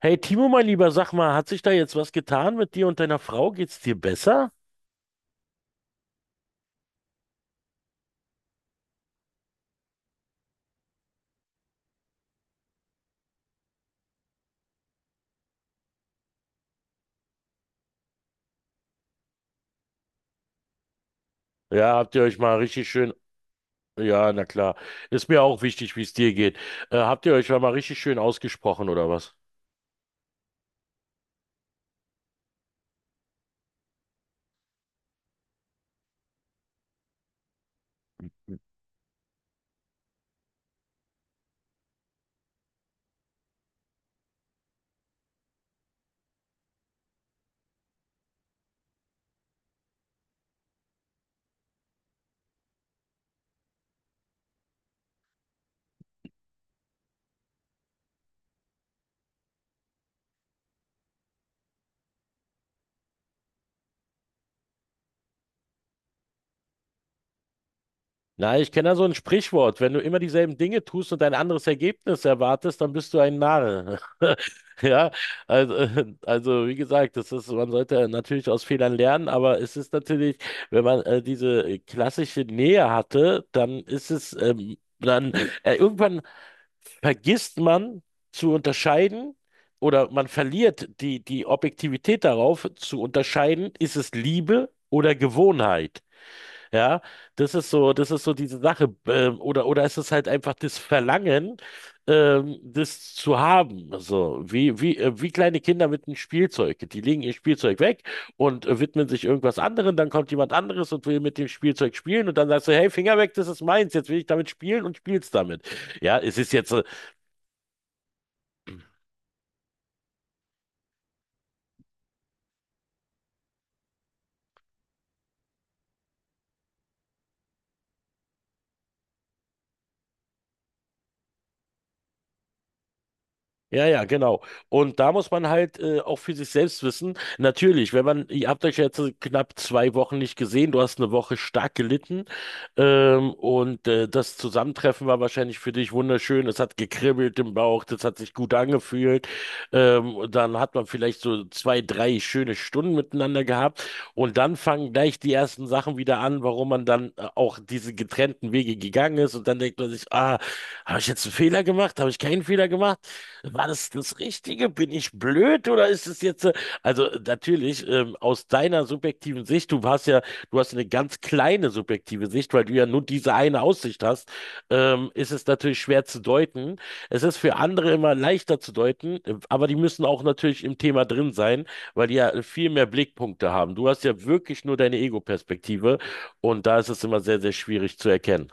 Hey Timo, mein Lieber, sag mal, hat sich da jetzt was getan mit dir und deiner Frau? Geht's dir besser? Ja, habt ihr euch mal richtig schön. Ja, na klar. Ist mir auch wichtig, wie es dir geht. Habt ihr euch mal richtig schön ausgesprochen oder was? Na, ich kenne da so ein Sprichwort. Wenn du immer dieselben Dinge tust und ein anderes Ergebnis erwartest, dann bist du ein Narr. Ja, also wie gesagt, das ist, man sollte natürlich aus Fehlern lernen, aber es ist natürlich, wenn man diese klassische Nähe hatte, dann ist es, dann irgendwann vergisst man zu unterscheiden oder man verliert die Objektivität darauf zu unterscheiden, ist es Liebe oder Gewohnheit. Ja, das ist so diese Sache. Oder ist es ist halt einfach das Verlangen, das zu haben. So, wie kleine Kinder mit einem Spielzeug. Die legen ihr Spielzeug weg und widmen sich irgendwas anderem. Dann kommt jemand anderes und will mit dem Spielzeug spielen. Und dann sagst du, hey, Finger weg, das ist meins. Jetzt will ich damit spielen und spielst damit. Ja, es ist jetzt, ja, ja, genau. Und da muss man halt auch für sich selbst wissen, natürlich, wenn man, ihr habt euch ja jetzt so knapp zwei Wochen nicht gesehen, du hast eine Woche stark gelitten das Zusammentreffen war wahrscheinlich für dich wunderschön, es hat gekribbelt im Bauch, das hat sich gut angefühlt, und dann hat man vielleicht so zwei, drei schöne Stunden miteinander gehabt und dann fangen gleich die ersten Sachen wieder an, warum man dann auch diese getrennten Wege gegangen ist und dann denkt man sich, ah, habe ich jetzt einen Fehler gemacht, habe ich keinen Fehler gemacht? War das das Richtige? Bin ich blöd oder ist es jetzt, natürlich, aus deiner subjektiven Sicht, du hast ja, du hast eine ganz kleine subjektive Sicht, weil du ja nur diese eine Aussicht hast, ist es natürlich schwer zu deuten. Es ist für andere immer leichter zu deuten, aber die müssen auch natürlich im Thema drin sein, weil die ja viel mehr Blickpunkte haben. Du hast ja wirklich nur deine Ego-Perspektive und da ist es immer sehr, sehr schwierig zu erkennen.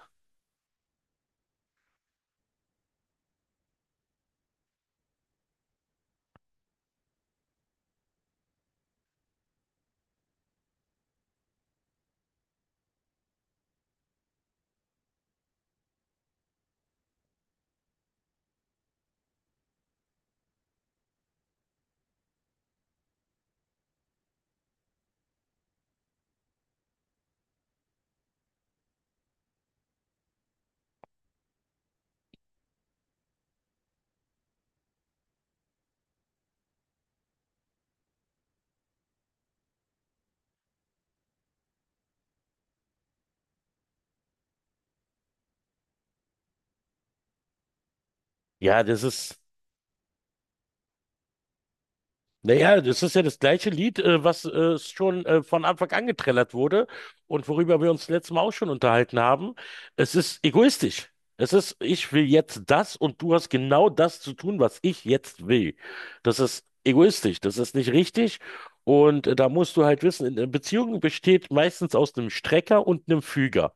Ja, das ist. Naja, das ist ja das gleiche Lied, was schon von Anfang an getrellert wurde und worüber wir uns letztes Mal auch schon unterhalten haben. Es ist egoistisch. Es ist, ich will jetzt das und du hast genau das zu tun, was ich jetzt will. Das ist egoistisch, das ist nicht richtig. Und da musst du halt wissen, eine Beziehung besteht meistens aus einem Strecker und einem Füger.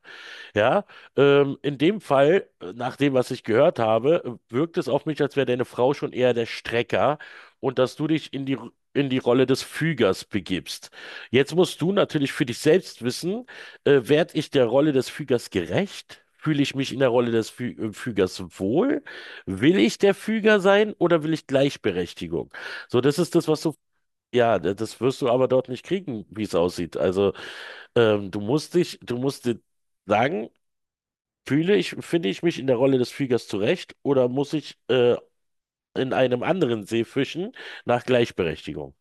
Ja, in dem Fall, nach dem, was ich gehört habe, wirkt es auf mich, als wäre deine Frau schon eher der Strecker und dass du dich in in die Rolle des Fügers begibst. Jetzt musst du natürlich für dich selbst wissen, werde ich der Rolle des Fügers gerecht? Fühle ich mich in der Rolle des Fü Fügers wohl? Will ich der Füger sein oder will ich Gleichberechtigung? So, das ist das, was du, ja, das wirst du aber dort nicht kriegen, wie es aussieht. Also, du musst dich, du musst dir sagen, fühle ich, finde ich mich in der Rolle des Fliegers zurecht oder muss ich in einem anderen See fischen nach Gleichberechtigung?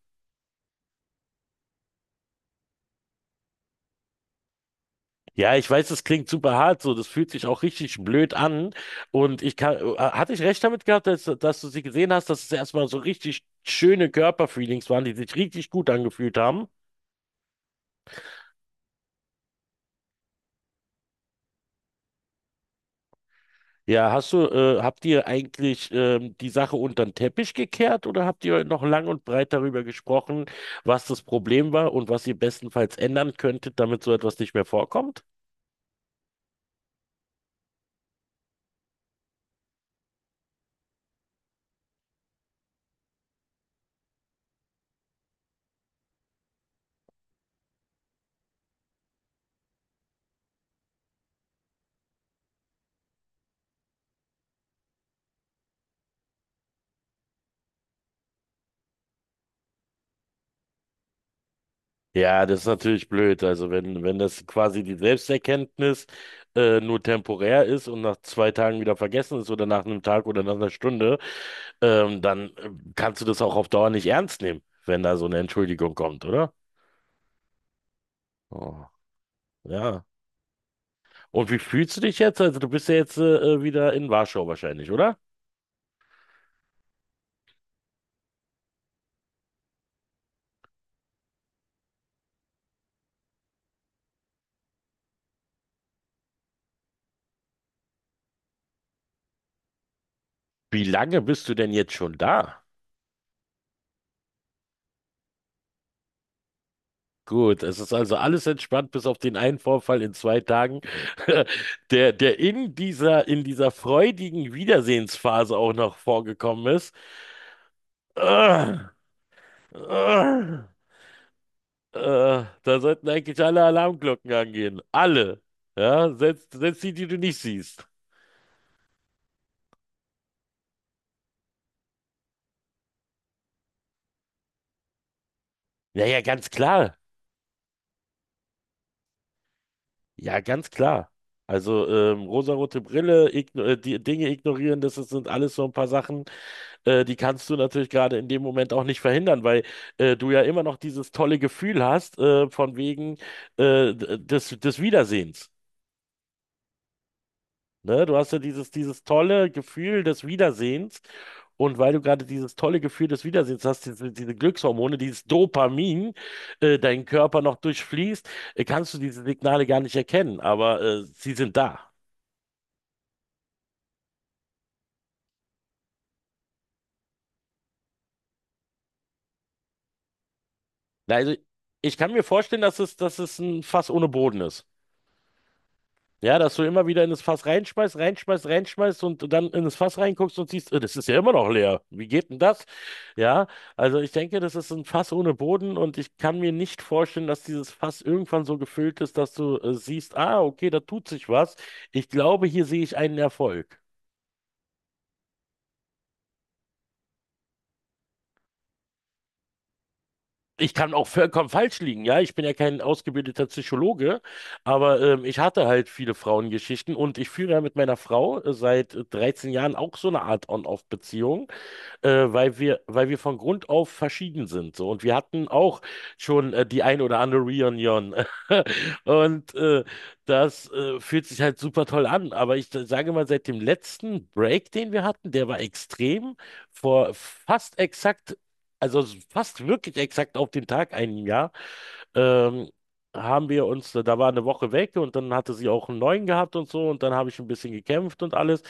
Ja, ich weiß, das klingt super hart so, das fühlt sich auch richtig blöd an. Und ich kann, hatte ich recht damit gehabt, dass du sie gesehen hast, dass es erstmal so richtig schöne Körperfeelings waren, die sich richtig gut angefühlt haben? Ja, hast du, habt ihr eigentlich die Sache unter den Teppich gekehrt oder habt ihr noch lang und breit darüber gesprochen, was das Problem war und was ihr bestenfalls ändern könntet, damit so etwas nicht mehr vorkommt? Ja, das ist natürlich blöd. Also wenn das quasi die Selbsterkenntnis nur temporär ist und nach zwei Tagen wieder vergessen ist oder nach einem Tag oder nach einer Stunde, dann kannst du das auch auf Dauer nicht ernst nehmen, wenn da so eine Entschuldigung kommt, oder? Oh. Ja. Und wie fühlst du dich jetzt? Also du bist ja jetzt wieder in Warschau wahrscheinlich, oder? Wie lange bist du denn jetzt schon da? Gut, es ist also alles entspannt, bis auf den einen Vorfall in zwei Tagen, der in in dieser freudigen Wiedersehensphase auch noch vorgekommen ist. Äh, äh, Da sollten eigentlich alle Alarmglocken angehen. Alle. Ja, selbst die, die du nicht siehst. Ja, ja, ganz klar. Ja, ganz klar. Also rosarote Brille, igno die Dinge ignorieren, das sind alles so ein paar Sachen, die kannst du natürlich gerade in dem Moment auch nicht verhindern, weil du ja immer noch dieses tolle Gefühl hast von wegen des Wiedersehens. Ne? Du hast ja dieses tolle Gefühl des Wiedersehens. Und weil du gerade dieses tolle Gefühl des Wiedersehens hast, diese Glückshormone, dieses Dopamin, deinen Körper noch durchfließt, kannst du diese Signale gar nicht erkennen, aber sie sind da. Na, also ich kann mir vorstellen, dass es ein Fass ohne Boden ist. Ja, dass du immer wieder in das Fass reinschmeißt und dann in das Fass reinguckst und siehst, das ist ja immer noch leer. Wie geht denn das? Ja, also ich denke, das ist ein Fass ohne Boden und ich kann mir nicht vorstellen, dass dieses Fass irgendwann so gefüllt ist, dass du siehst, ah, okay, da tut sich was. Ich glaube, hier sehe ich einen Erfolg. Ich kann auch vollkommen falsch liegen, ja. Ich bin ja kein ausgebildeter Psychologe, aber ich hatte halt viele Frauengeschichten und ich führe ja mit meiner Frau seit 13 Jahren auch so eine Art On-Off-Beziehung. Weil weil wir von Grund auf verschieden sind. So. Und wir hatten auch schon die ein oder andere Reunion. Und das fühlt sich halt super toll an. Aber ich sage mal, seit dem letzten Break, den wir hatten, der war extrem, vor also fast wirklich exakt auf den Tag ein Jahr, ähm, haben wir uns, da war eine Woche weg und dann hatte sie auch einen neuen gehabt und so und dann habe ich ein bisschen gekämpft und alles.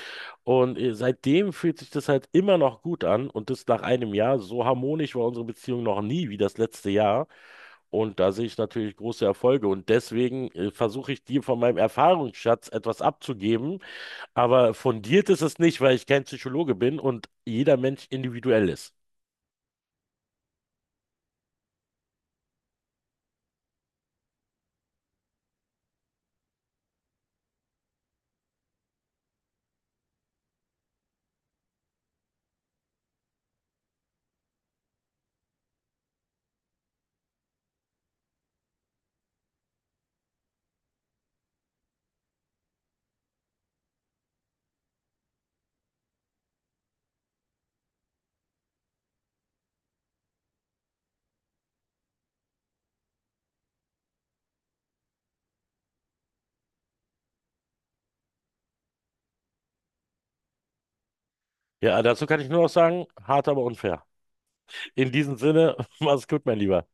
Und seitdem fühlt sich das halt immer noch gut an und das nach einem Jahr. So harmonisch war unsere Beziehung noch nie wie das letzte Jahr. Und da sehe ich natürlich große Erfolge. Und deswegen versuche ich dir von meinem Erfahrungsschatz etwas abzugeben. Aber fundiert ist es nicht, weil ich kein Psychologe bin und jeder Mensch individuell ist. Ja, dazu kann ich nur noch sagen, hart, aber unfair. In diesem Sinne, mach's gut, mein Lieber.